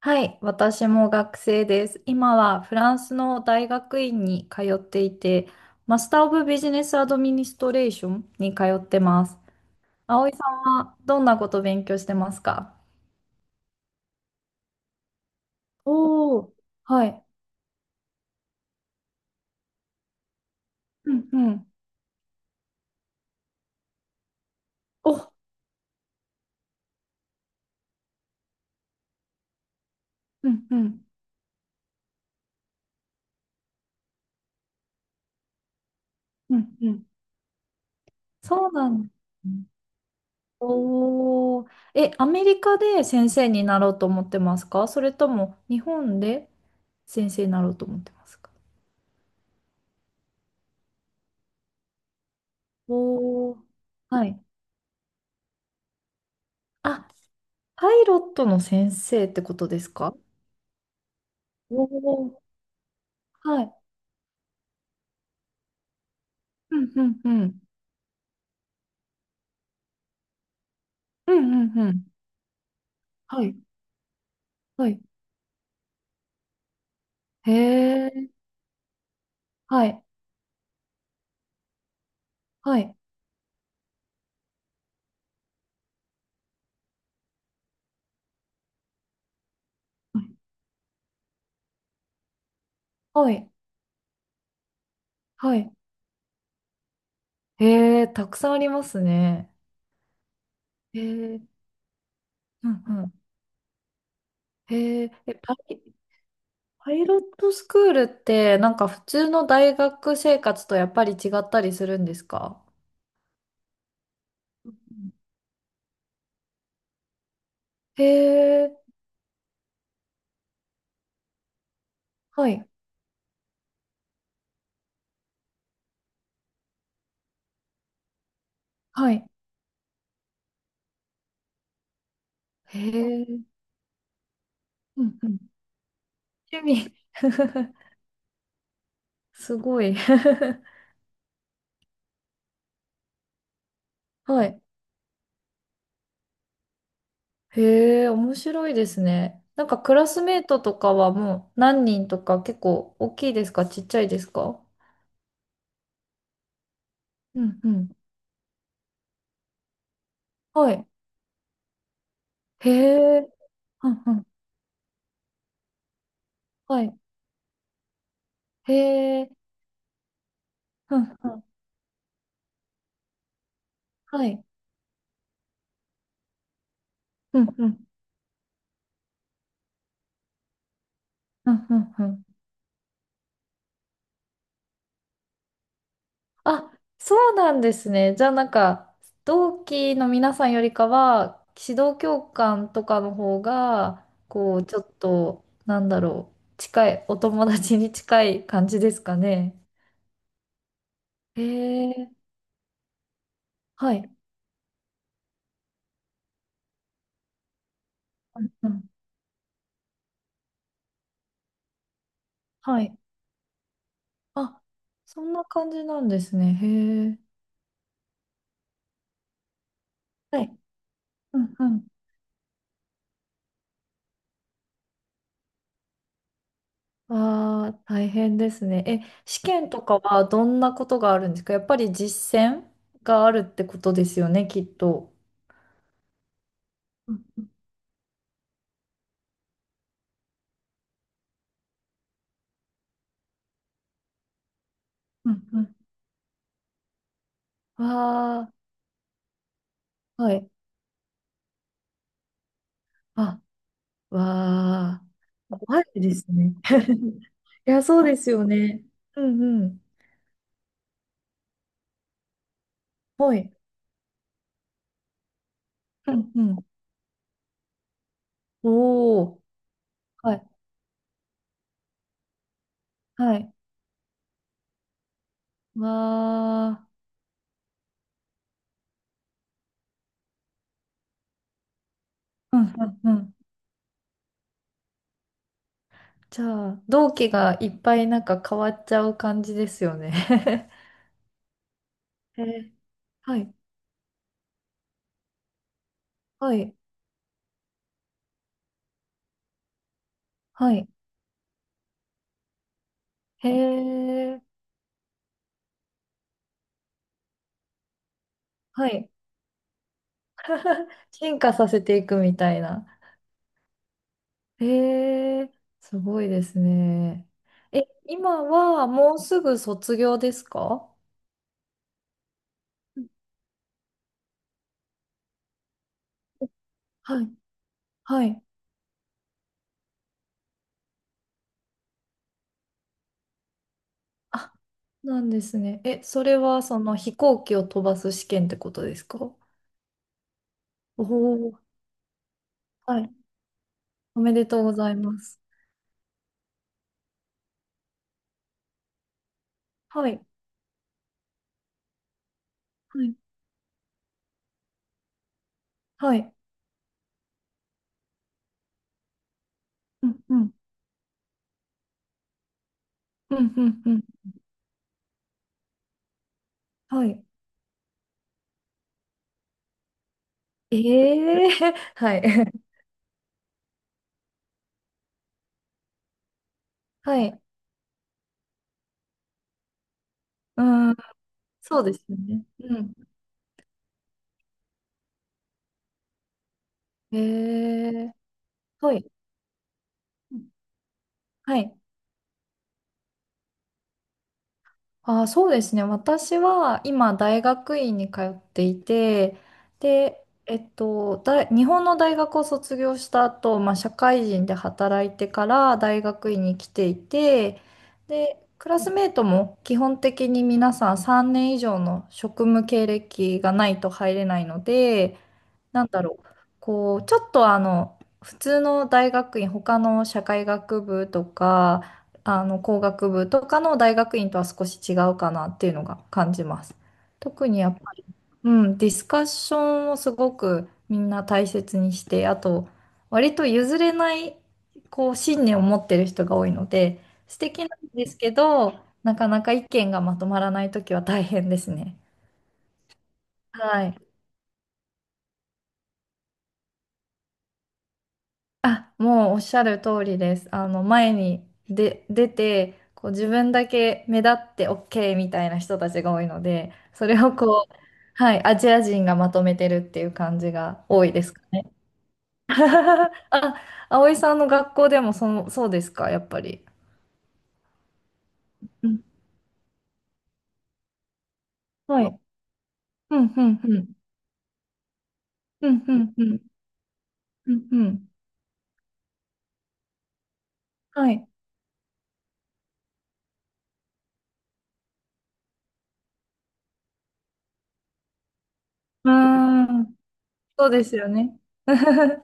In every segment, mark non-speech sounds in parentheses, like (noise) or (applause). はい、私も学生です。今はフランスの大学院に通っていて、マスター・オブ・ビジネス・アドミニストレーションに通ってます。葵さんはどんなことを勉強してますか？おおー、はい。うんうん。お、うんうん。うんうん。そうなんですね。おー。え、アメリカで先生になろうと思ってますか、それとも日本で先生になろうと思ってますか？おおー、はい。あ、パイロットの先生ってことですか？おおー、はい。うんうんうん。うんうんうん。はい。はい。へえ。はい。はい。はい。はい。へえ。たくさんありますね。へえ。うんうん。へえ。パイロットスクールってなんか普通の大学生活とやっぱり違ったりするんですか？うん、へえ。はい。はい。へえ。うんうん。趣味。(laughs) すごい。(laughs) はい。へえ、面白いですね。なんかクラスメートとかはもう何人とか、結構大きいですか、ちっちゃいですか？うんうん。はい。へえ。うんうん。はい。へえ。うんうん。はい。うんうん。うんうんうん。あ、そうなんですね。じゃあなんか、同期の皆さんよりかは、指導教官とかの方が、こう、ちょっと、なんだろう、近い、お友達に近い感じですかね？へえ。はい。うんうん。はい。あ、そんな感じなんですね。へえ。はい。うんうん。ああ、大変ですね。え、試験とかはどんなことがあるんですか、やっぱり実践があるってことですよね、きっと。うんうんうんうん。わあ、はい。あ、わあ、怖いですね。(laughs) いや、そうですよね。うんうん。はい。うんうん。おお、はい、はい。わあ、うんうんうん、じゃあ、同期がいっぱいなんか変わっちゃう感じですよね。(laughs) へえ、はい、はい、はい。へえ、はい。(laughs) 進化させていくみたいな。へえ、すごいですね。え、今はもうすぐ卒業ですか？うん、はい、はい。あ、なんですね。え、それはその飛行機を飛ばす試験ってことですか？おおー、はい。おめでとうございます。はい。はい、はい。うんうん。うんうんうん。はい。ええー、 (laughs) はい。(laughs) はい。うん。そうですよね。うん。ええー、はい。うん、はい。あー、そうですね。私は今大学院に通っていて、で、日本の大学を卒業した後、まあ、社会人で働いてから大学院に来ていて、で、クラスメートも基本的に皆さん3年以上の職務経歴がないと入れないので、なんだろう、こう、ちょっとあの、普通の大学院、他の社会学部とか、あの、工学部とかの大学院とは少し違うかなっていうのが感じます。特にやっぱり、うん、ディスカッションをすごくみんな大切にして、あと、割と譲れない、こう、信念を持ってる人が多いので、素敵なんですけど、なかなか意見がまとまらないときは大変ですね。はい。あ、もうおっしゃる通りです。あの、前に出て、こう自分だけ目立って OK みたいな人たちが多いので、それをこう、はい、アジア人がまとめてるっていう感じが多いですかね？(laughs) あ、葵さんの学校でもその、そうですか、やっぱり。うん、はい。うん、うん、うん。うん、うん、うん。うん、うん。はい。うーん。そうですよね。(laughs) 確か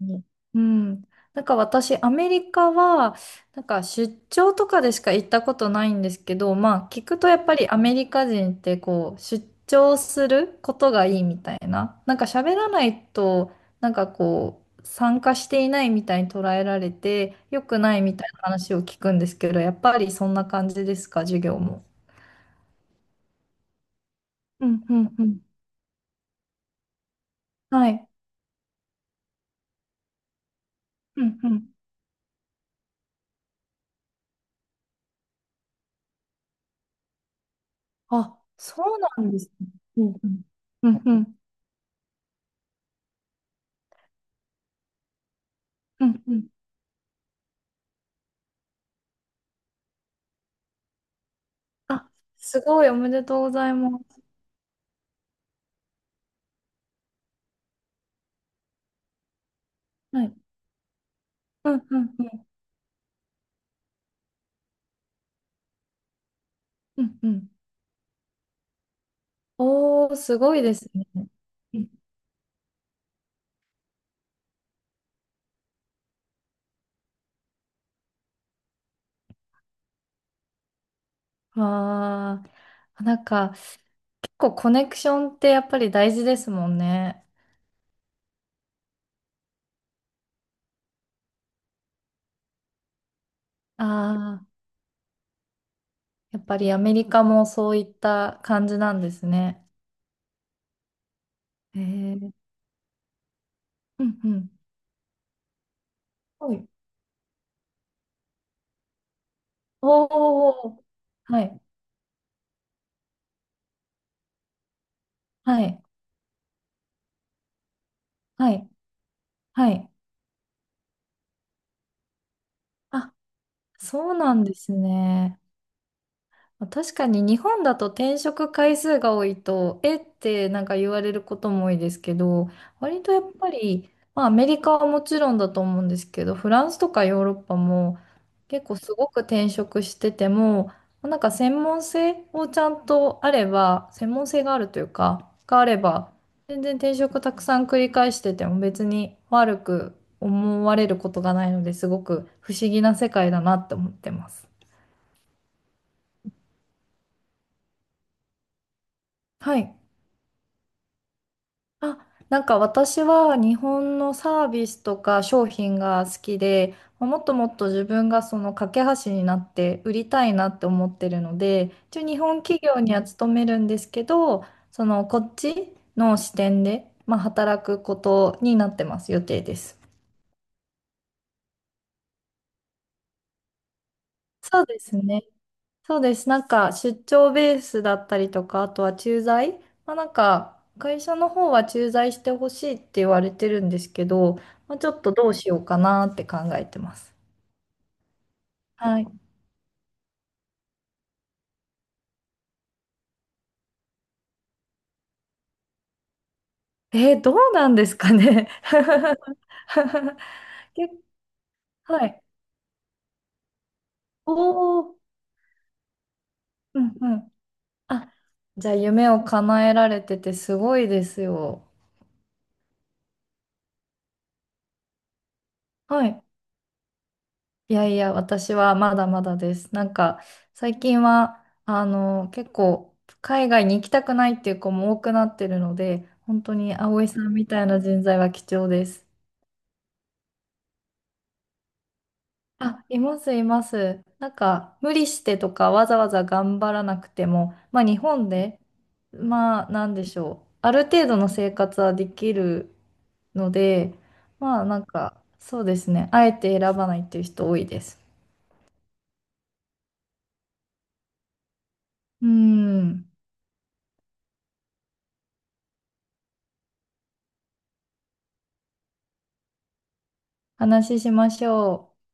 に。うん。なんか私、アメリカは、なんか出張とかでしか行ったことないんですけど、まあ聞くとやっぱりアメリカ人ってこう、出張することがいいみたいな。なんか喋らないと、なんかこう、参加していないみたいに捉えられて、良くないみたいな話を聞くんですけど、やっぱりそんな感じですか、授業も？うんうんうん。はい。うんうん。あ、そうなんですね。うんうん。うんうん。うんうん、あ、すごい、おめでとうございます。はい。うん、うん、うん、うん、うん。おー、すごいですね。うん、わー、なんか、結構コネクションってやっぱり大事ですもんね。ああ、やっぱりアメリカもそういった感じなんですね。へえ、うん、うん。はい。おー、はい、はい、はい、はい。あ、そうなんですね。まあ確かに日本だと転職回数が多いと、えってなんか言われることも多いですけど、割とやっぱり、まあアメリカはもちろんだと思うんですけど、フランスとかヨーロッパも結構すごく転職してても、なんか専門性をちゃんとあれば、専門性があるというか、があれば、全然転職たくさん繰り返してても別に悪く思われることがないので、すごく不思議な世界だなって思ってます。はい。あ、なんか私は日本のサービスとか商品が好きで、もっともっと自分がその架け橋になって売りたいなって思ってるので、一応日本企業には勤めるんですけど、そのこっちの視点で、まあ、働くことになってます、予定です。そうですね。そうです。なんか出張ベースだったりとか、あとは駐在。まあ、なんか会社の方は駐在してほしいって言われてるんですけど、まあ、ちょっとどうしようかなって考えてます。はい。えー、どうなんですかね？(laughs) 結構、はい。おお、うんうん。あ、じゃあ夢を叶えられててすごいですよ。はい。いやいや、私はまだまだです。なんか、最近は、あの、結構、海外に行きたくないっていう子も多くなってるので、本当に葵さんみたいな人材は貴重です。あ、います、います。なんか、無理してとか、わざわざ頑張らなくても、まあ、日本で、まあ、なんでしょう。ある程度の生活はできるので、まあ、なんか、そうですね。あえて選ばないっていう人多いです。うん、話ししましょう。